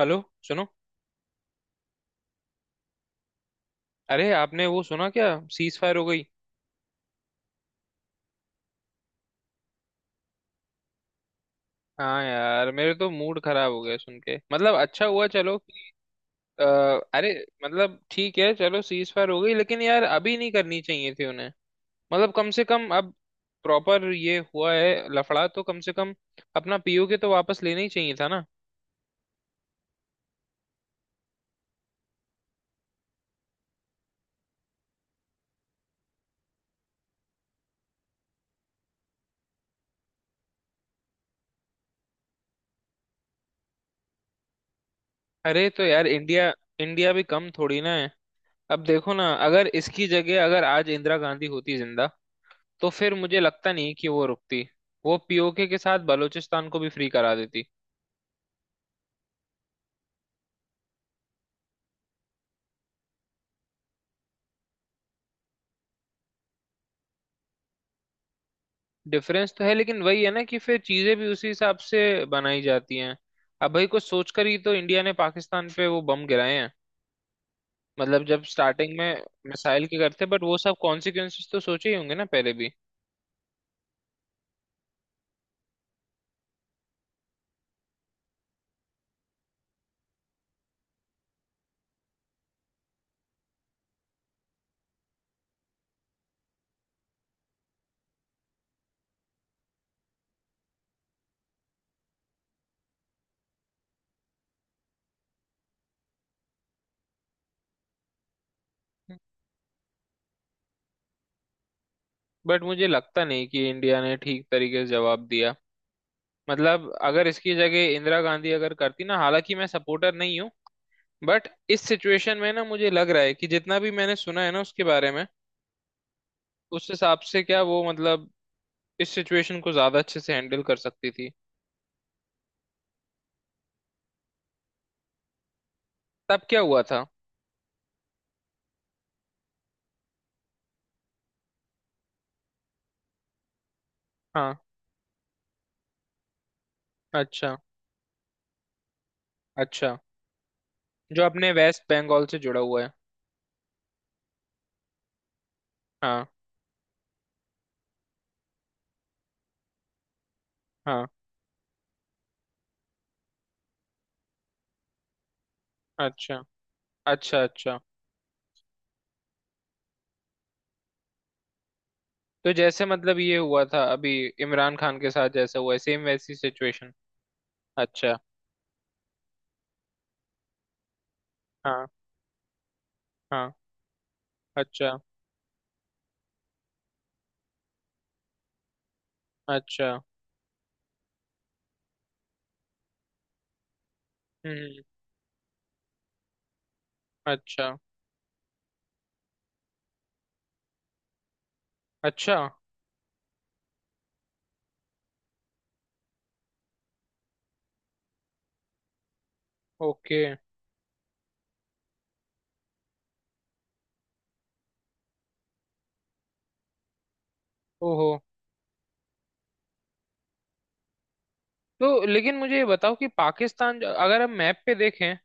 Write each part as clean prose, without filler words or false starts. Hello. सुनो। अरे आपने वो सुना क्या? सीज फायर हो गई। हाँ यार, मेरे तो मूड खराब हो गया सुन के। मतलब अच्छा हुआ, चलो अ, अरे, मतलब ठीक है। चलो सीज फायर हो गई, लेकिन यार अभी नहीं करनी चाहिए थी उन्हें। मतलब कम से कम अब प्रॉपर ये हुआ है लफड़ा, तो कम से कम अपना पीओके तो वापस लेना ही चाहिए था ना। अरे तो यार, इंडिया इंडिया भी कम थोड़ी ना है। अब देखो ना, अगर इसकी जगह अगर आज इंदिरा गांधी होती जिंदा, तो फिर मुझे लगता नहीं कि वो रुकती। वो पीओके के साथ बलूचिस्तान को भी फ्री करा देती। डिफरेंस तो है, लेकिन वही है ना कि फिर चीजें भी उसी हिसाब से बनाई जाती हैं। अब भाई कुछ सोचकर ही तो इंडिया ने पाकिस्तान पे वो बम गिराए हैं। मतलब जब स्टार्टिंग में मिसाइल के करते, बट वो सब कॉन्सिक्वेंसेस तो सोचे ही होंगे ना पहले भी। बट मुझे लगता नहीं कि इंडिया ने ठीक तरीके से जवाब दिया। मतलब अगर इसकी जगह इंदिरा गांधी अगर करती ना, हालांकि मैं सपोर्टर नहीं हूँ, बट इस सिचुएशन में ना, मुझे लग रहा है कि जितना भी मैंने सुना है ना उसके बारे में, उस हिसाब से क्या वो मतलब इस सिचुएशन को ज्यादा अच्छे से हैंडल कर सकती थी। तब क्या हुआ था? हाँ। अच्छा अच्छा। जो अपने वेस्ट बंगाल से जुड़ा हुआ है। हाँ हाँ। अच्छा अच्छा अच्छा। तो जैसे मतलब ये हुआ था अभी इमरान खान के साथ जैसा हुआ है, सेम वैसी सिचुएशन। अच्छा। हाँ हाँ। अच्छा अच्छा। हम्म। अच्छा अच्छा। ओके। ओहो। तो लेकिन मुझे ये बताओ कि पाकिस्तान, अगर हम मैप पे देखें,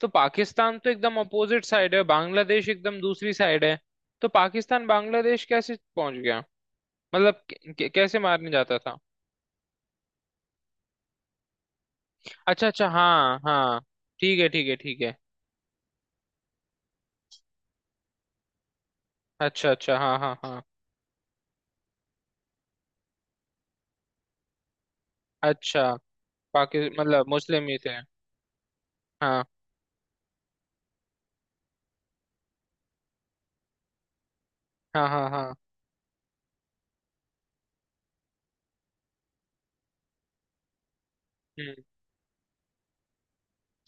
तो पाकिस्तान तो एकदम अपोजिट साइड है, बांग्लादेश एकदम दूसरी साइड है। तो पाकिस्तान बांग्लादेश कैसे पहुंच गया? मतलब कैसे मारने जाता था? अच्छा अच्छा हाँ हाँ। ठीक है ठीक है ठीक है। अच्छा अच्छा हाँ हाँ हाँ। अच्छा। पाकि मतलब मुस्लिम ही थे? हाँ। हाँ हाँ हाँ। हम्म।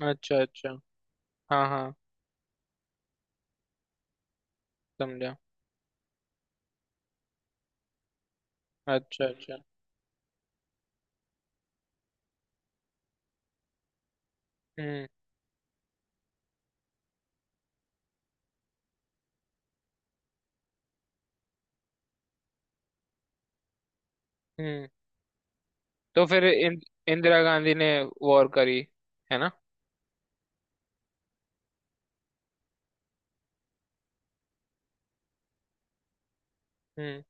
अच्छा अच्छा। हाँ हाँ। समझा। अच्छा अच्छा। हम्म हम्म। तो फिर इंदिरा गांधी ने वॉर करी, है ना? हम्म।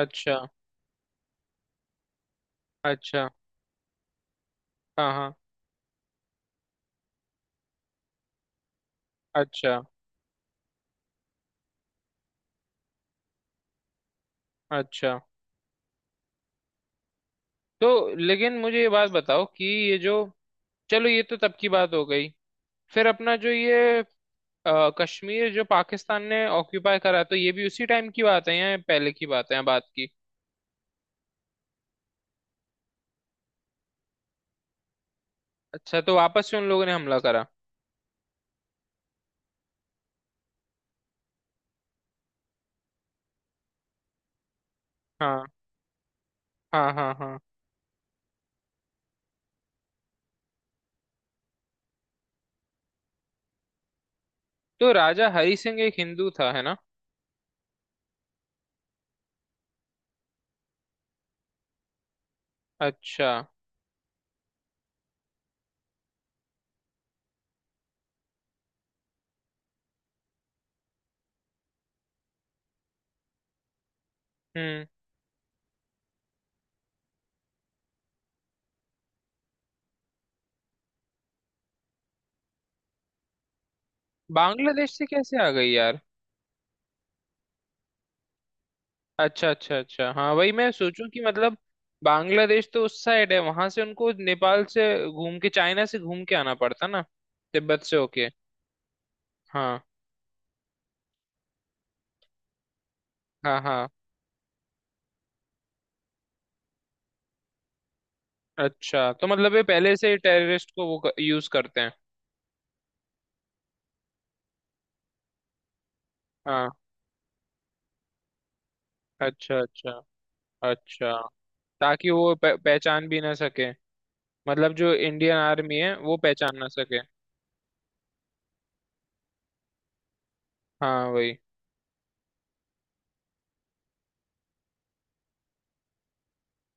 अच्छा अच्छा। हाँ हाँ। अच्छा अच्छा। तो लेकिन मुझे ये बात बताओ कि ये जो, चलो ये तो तब की बात हो गई। फिर अपना जो ये कश्मीर जो पाकिस्तान ने ऑक्यूपाई करा, तो ये भी उसी टाइम की बात है या पहले की बात है बात की? अच्छा, तो वापस से उन लोगों ने हमला करा? हाँ हाँ हाँ हाँ। तो राजा हरी सिंह एक हिंदू था, है ना? अच्छा। हम्म। बांग्लादेश से कैसे आ गई यार? अच्छा अच्छा अच्छा, हाँ वही मैं सोचूं कि मतलब बांग्लादेश तो उस साइड है, वहां से उनको नेपाल से घूम के चाइना से घूम के आना पड़ता ना, तिब्बत से होके। हाँ हाँ हाँ। अच्छा, तो मतलब ये पहले से ही टेररिस्ट को वो यूज करते हैं? हाँ। अच्छा अच्छा अच्छा। ताकि वो पहचान भी ना सके, मतलब जो इंडियन आर्मी है वो पहचान ना सके। हाँ वही।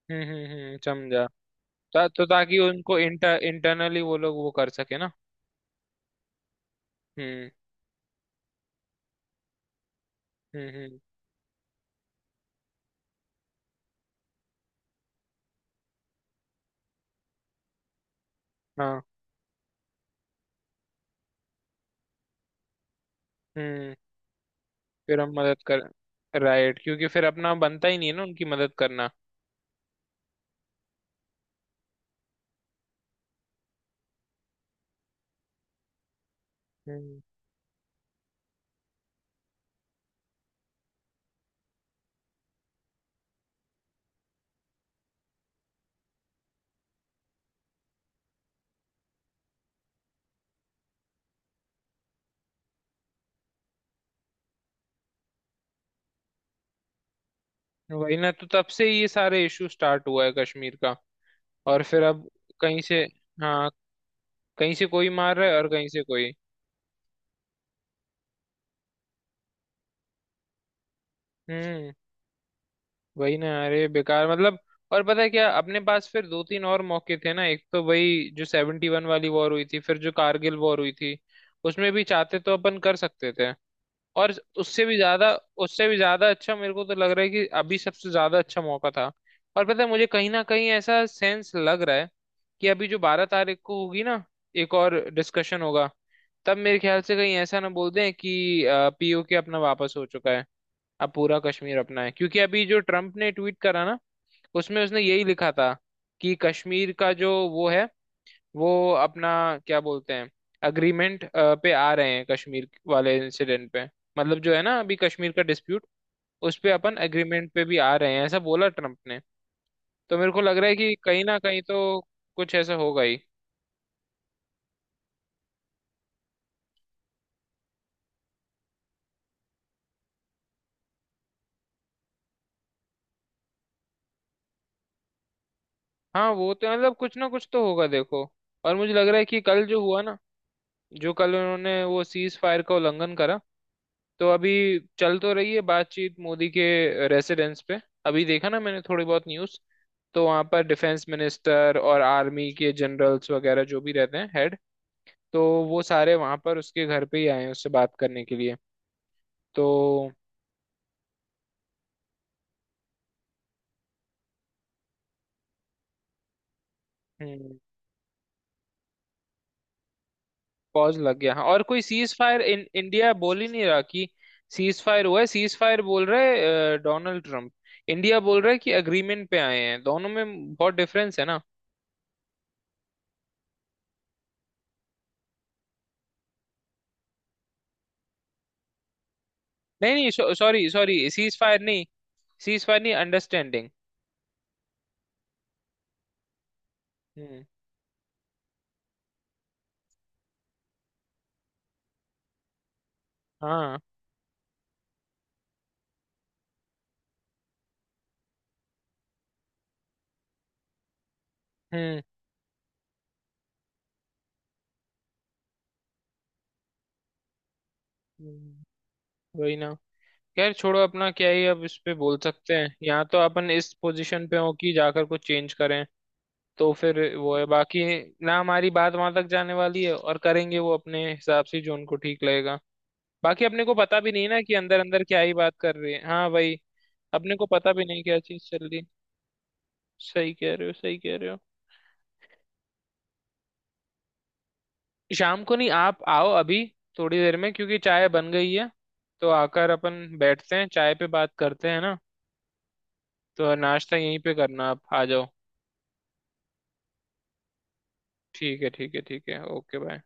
समझा। तो ताकि उनको इंटरनली वो लोग वो कर सके ना? हम्म हम्म। हाँ। हम्म। फिर हम मदद कर। राइट, क्योंकि फिर अपना बनता ही नहीं है ना उनकी मदद करना। हम्म। वही ना, तो तब से ये सारे इशू स्टार्ट हुआ है कश्मीर का। और फिर अब कहीं से। हाँ, कहीं से कोई मार रहा है और कहीं से कोई। हम्म। वही ना। अरे बेकार मतलब। और पता है क्या, अपने पास फिर दो तीन और मौके थे ना, एक तो वही जो 71 वाली वॉर हुई थी, फिर जो कारगिल वॉर हुई थी। उसमें भी चाहते तो अपन कर सकते थे। और उससे भी ज्यादा, उससे भी ज्यादा अच्छा मेरे को तो लग रहा है कि अभी सबसे ज्यादा अच्छा मौका था। और पता है, मुझे कहीं ना कहीं ऐसा सेंस लग रहा है कि अभी जो 12 तारीख को होगी ना, एक और डिस्कशन होगा, तब मेरे ख्याल से कहीं ऐसा ना बोल दें कि पीओके अपना वापस हो चुका है, अब पूरा कश्मीर अपना है। क्योंकि अभी जो ट्रम्प ने ट्वीट करा ना, उसमें उसने यही लिखा था कि कश्मीर का जो वो है, वो अपना क्या बोलते हैं, अग्रीमेंट पे आ रहे हैं कश्मीर वाले इंसिडेंट पे। मतलब जो है ना अभी कश्मीर का डिस्प्यूट, उस पे अपन एग्रीमेंट पे भी आ रहे हैं, ऐसा बोला ट्रम्प ने। तो मेरे को लग रहा है कि कहीं ना कहीं तो कुछ ऐसा होगा ही। हाँ, वो तो मतलब कुछ ना कुछ तो होगा देखो। और मुझे लग रहा है कि कल जो हुआ ना, जो कल उन्होंने वो सीज फायर का उल्लंघन करा, तो अभी चल तो रही है बातचीत मोदी के रेसिडेंस पे। अभी देखा ना मैंने थोड़ी बहुत न्यूज। तो वहाँ पर डिफेंस मिनिस्टर और आर्मी के जनरल्स वगैरह जो भी रहते हैं हेड, तो वो सारे वहाँ पर उसके घर पे ही आए हैं उससे बात करने के लिए। तो हम्म। पॉज लग गया हाँ, और कोई सीज फायर, इन इंडिया बोल ही नहीं रहा कि सीज फायर हुआ है। सीज फायर बोल रहे डोनाल्ड ट्रम्प, इंडिया बोल रहा है कि अग्रीमेंट पे आए हैं। दोनों में बहुत डिफरेंस है ना। नहीं नहीं, सॉरी सॉरी, सीज फायर नहीं, सीज फायर नहीं, अंडरस्टैंडिंग। हम्म। हाँ। हम्म। हम्म, वही ना, खैर छोड़ो, अपना क्या ही अब इस पे बोल सकते हैं। यहाँ तो अपन इस पोजीशन पे हो कि जाकर कुछ चेंज करें? तो फिर वो है बाकी। ना हमारी बात वहां तक जाने वाली है, और करेंगे वो अपने हिसाब से जो उनको ठीक लगेगा। बाकी अपने को पता भी नहीं ना कि अंदर अंदर क्या ही बात कर रही है। हाँ भाई, अपने को पता भी नहीं क्या चीज चल रही। सही कह रहे हो, सही कह रहे हो। शाम को नहीं, आप आओ अभी, थोड़ी देर में, क्योंकि चाय बन गई है। तो आकर अपन बैठते हैं, चाय पे बात करते हैं ना। तो नाश्ता यहीं पे करना, आप आ जाओ। ठीक है ठीक है ठीक है। Okay bye.